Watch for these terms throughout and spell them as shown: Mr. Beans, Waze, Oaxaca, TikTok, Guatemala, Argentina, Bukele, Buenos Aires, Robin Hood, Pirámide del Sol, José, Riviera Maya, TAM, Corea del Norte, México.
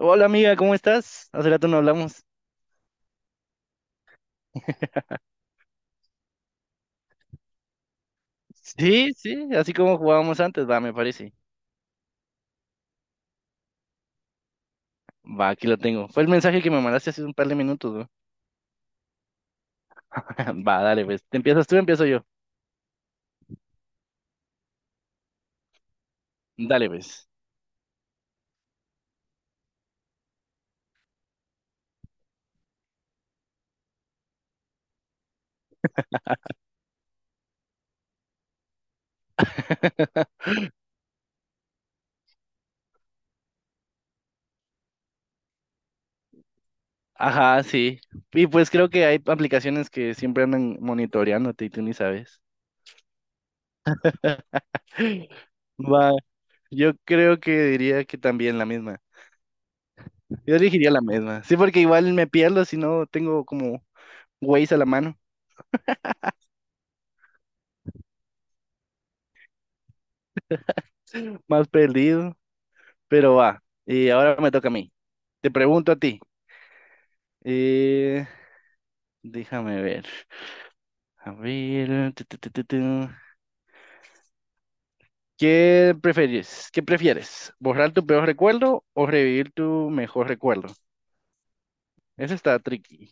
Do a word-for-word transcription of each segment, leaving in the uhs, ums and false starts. Hola amiga, ¿cómo estás? Hace rato no hablamos. Sí, sí, así como jugábamos antes, va, me parece. Va, aquí lo tengo. Fue el mensaje que me mandaste hace un par de minutos, ¿no? Va, dale, pues. ¿Te empiezas tú, o empiezo yo? Dale, pues. Ajá, sí. Y pues creo que hay aplicaciones que siempre andan monitoreándote y tú ni sabes. Va, yo creo que diría que también la misma. Yo elegiría la misma. Sí, porque igual me pierdo si no tengo como Waze a la mano, más perdido. Pero va, y ahora me toca a mí. Te pregunto a ti. eh, Déjame ver. A ver. tu, tu, tu, tu, tu. ¿Qué prefieres? ¿Qué prefieres? ¿Borrar tu peor recuerdo o revivir tu mejor recuerdo? Eso está tricky.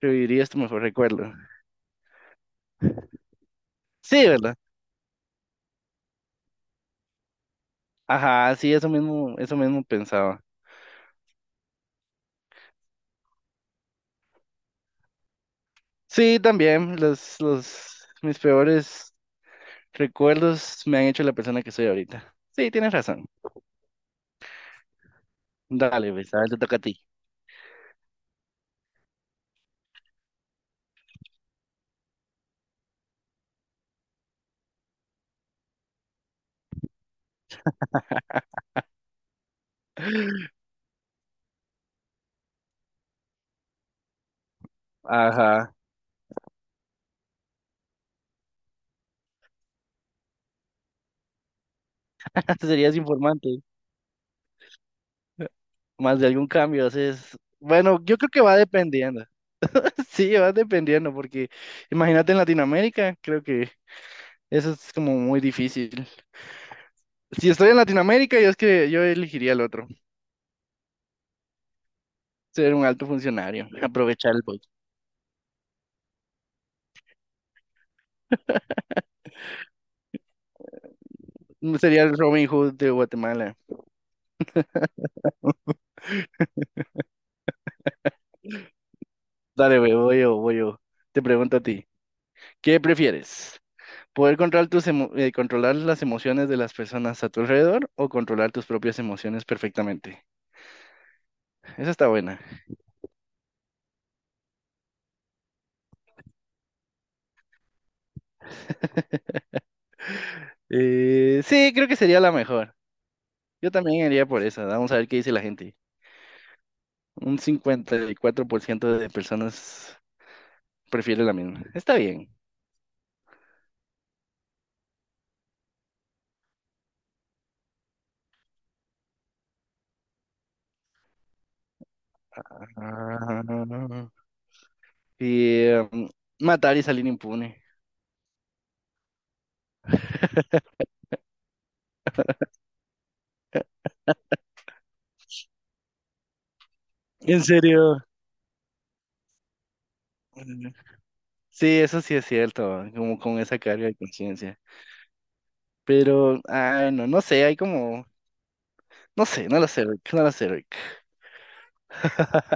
¿Revivirías tu mejor recuerdo? Sí, ¿verdad? Ajá, sí, eso mismo, eso mismo pensaba. Sí, también los, los, mis peores recuerdos me han hecho la persona que soy ahorita. Sí, tienes razón. Dale, pues, a ver, te toca a ti. Ajá. Serías informante, más de algún cambio. Haces. Bueno, yo creo que va dependiendo. Sí, va dependiendo, porque imagínate en Latinoamérica, creo que eso es como muy difícil. Si estoy en Latinoamérica, yo es que yo elegiría el otro, ser un alto funcionario, aprovechar el voto. Mm, Sería el Robin Hood de Guatemala. Dale, güey, voy yo, voy yo. Te pregunto a ti, ¿qué prefieres? ¿Poder controlar tus emo- eh, controlar las emociones de las personas a tu alrededor o controlar tus propias emociones perfectamente? Esa está buena. Eh, sí, creo que sería la mejor. Yo también iría por esa. Vamos a ver qué dice la gente. Un cincuenta y cuatro por ciento de personas prefiere la misma. Está bien. Ah, y um, matar y salir impune. ¿En serio? Mm, Sí, eso sí es cierto, como con esa carga de conciencia. Pero, ah, no, no sé, hay como, no sé, no lo sé, Rick, no lo sé, Rick.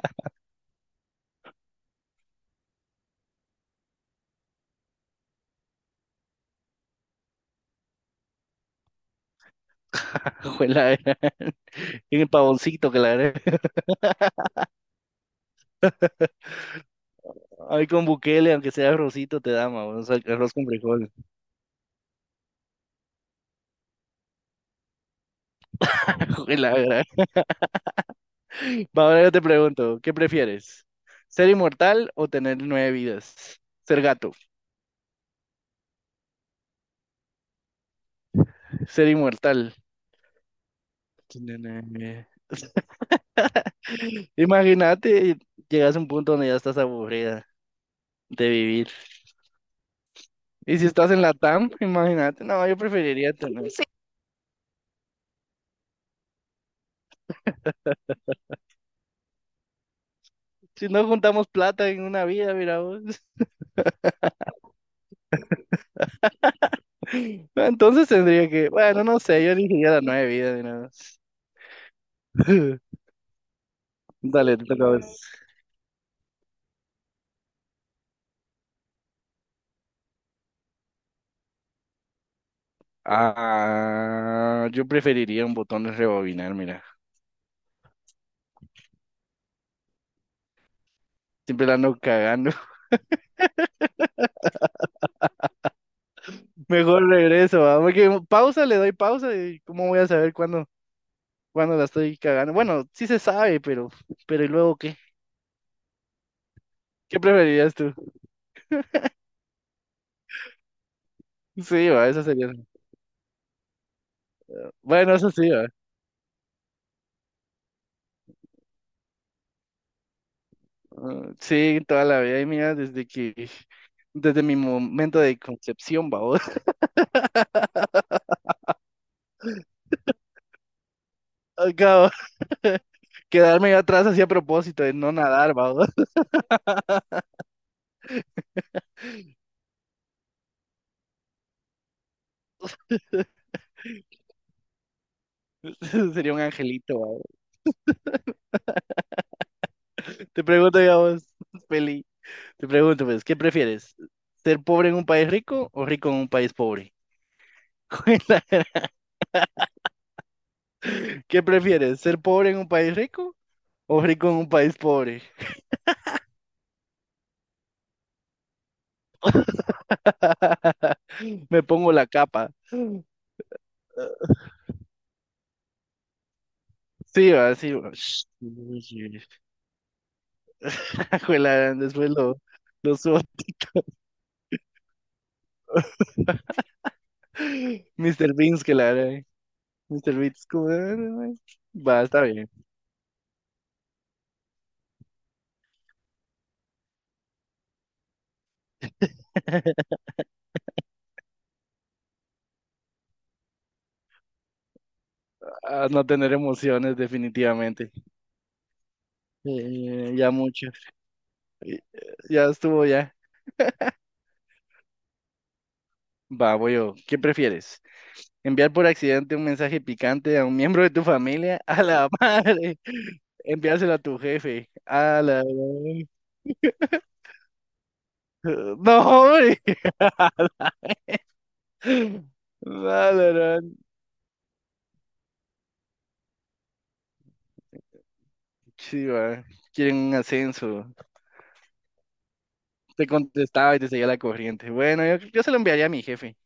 Ojalá, era un pavoncito, claro. Ay, con Bukele, aunque sea arrocito, te da, ma, o sea, arroz con frijol. Jue, la verdad. Va, ahora yo te pregunto, ¿qué prefieres? ¿Ser inmortal o tener nueve vidas? Ser gato, ser inmortal. Tener nueve vidas. Imagínate, llegas a un punto donde ya estás aburrida de vivir. Y si estás en la T A M, imagínate, no, yo preferiría tener. Sí. Si no juntamos plata en una vida, mira vos. Entonces tendría que, bueno, no sé, yo elegiría las nueve vidas, mira vos. Dale, te toca. Ah, yo preferiría un botón de rebobinar, mira. Siempre la ando cagando. Mejor regreso, ¿va? Porque pausa, le doy pausa y ¿cómo voy a saber cuándo, cuándo la estoy cagando? Bueno, sí se sabe, pero, pero ¿y luego qué? ¿Qué preferirías tú? Sí, va, eso sería. Bueno, eso sí, va. Ah, sí, toda la vida, y mira, desde que, desde mi momento de concepción, va. vos. Acabo. Quedarme atrás así a propósito de no nadar, va. vos. Sería un angelito, va. vos. Te pregunto, ya vos, feliz. Te pregunto, pues, ¿qué prefieres? ¿Ser pobre en un país rico o rico en un país pobre? ¿Cuál es la- ¿Qué prefieres? ¿Ser pobre en un país rico o rico en un país pobre? Me pongo la capa. Sí, va, sí, va. Sh- uy. Juela, después lo, lo subo a TikTok. mister Beans, que la haré. mister Beans, como, "Ah, no, güey". Va, está bien. A no tener emociones, definitivamente. Eh, ya mucho. Ya estuvo, ya. Va, voy yo. ¿Qué prefieres? ¿Enviar por accidente un mensaje picante a un miembro de tu familia? A la madre. Enviárselo a tu jefe. A la gran- No, hombre. A la gran- Sí, va. Quieren un ascenso. Te contestaba y te seguía la corriente. Bueno, yo, yo se lo enviaría a mi jefe.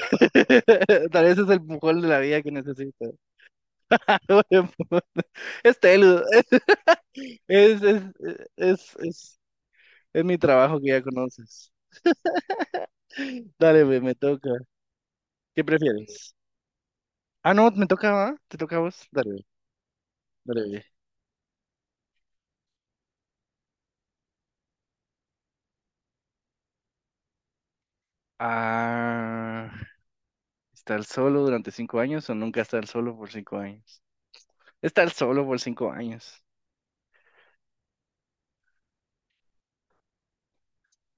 Tal vez es el mejor de la vida que necesito. Es Telu. Es, es, es, es, es mi trabajo que ya conoces. Dale, güey, me toca. ¿Qué prefieres? Ah, no, me toca, ¿va? ¿Te toca a vos? Dale, güey, dale, güey. Ah, ¿estar solo durante cinco años o nunca estar solo por cinco años? Estar solo por cinco años.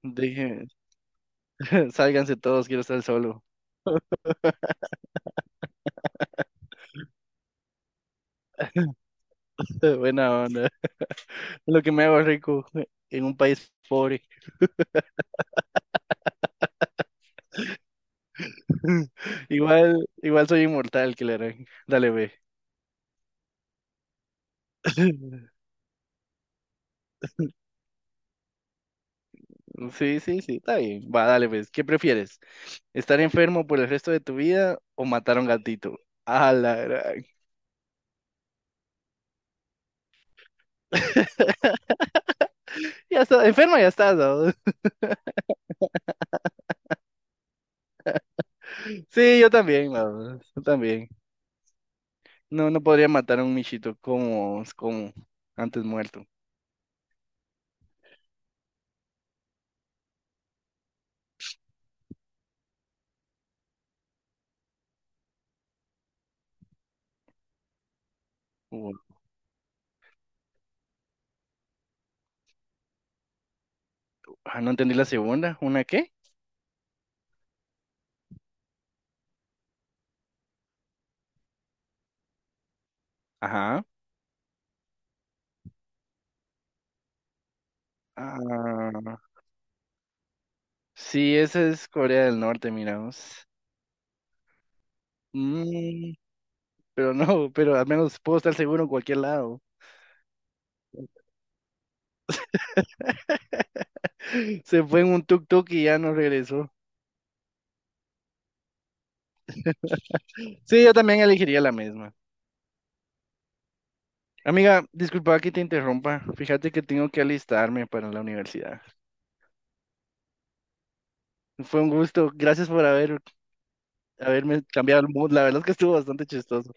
Deje, sálganse todos, quiero estar solo. Buena onda. Lo que me hago rico en un país pobre. Igual, igual soy inmortal, que le harán. Dale, ve. Sí, sí, sí, está bien. Va, dale, pues. ¿Qué prefieres? ¿Estar enfermo por el resto de tu vida o matar a un gatito? A la gran. Ya está, enfermo ya estás, ¿no? Sí, yo también, ¿no? Yo también. No, no podría matar a un michito como, como antes muerto. Uh, ah, no entendí la segunda. ¿Una qué? Ajá. Ah, sí, esa es Corea del Norte, miramos. Mm, pero no, pero al menos puedo estar seguro en cualquier lado. Se fue en un tuk-tuk y ya no regresó. Sí, yo también elegiría la misma. Amiga, disculpa que te interrumpa. Fíjate que tengo que alistarme para la universidad. Fue un gusto. Gracias por haber, haberme cambiado el mood. La verdad es que estuvo bastante chistoso.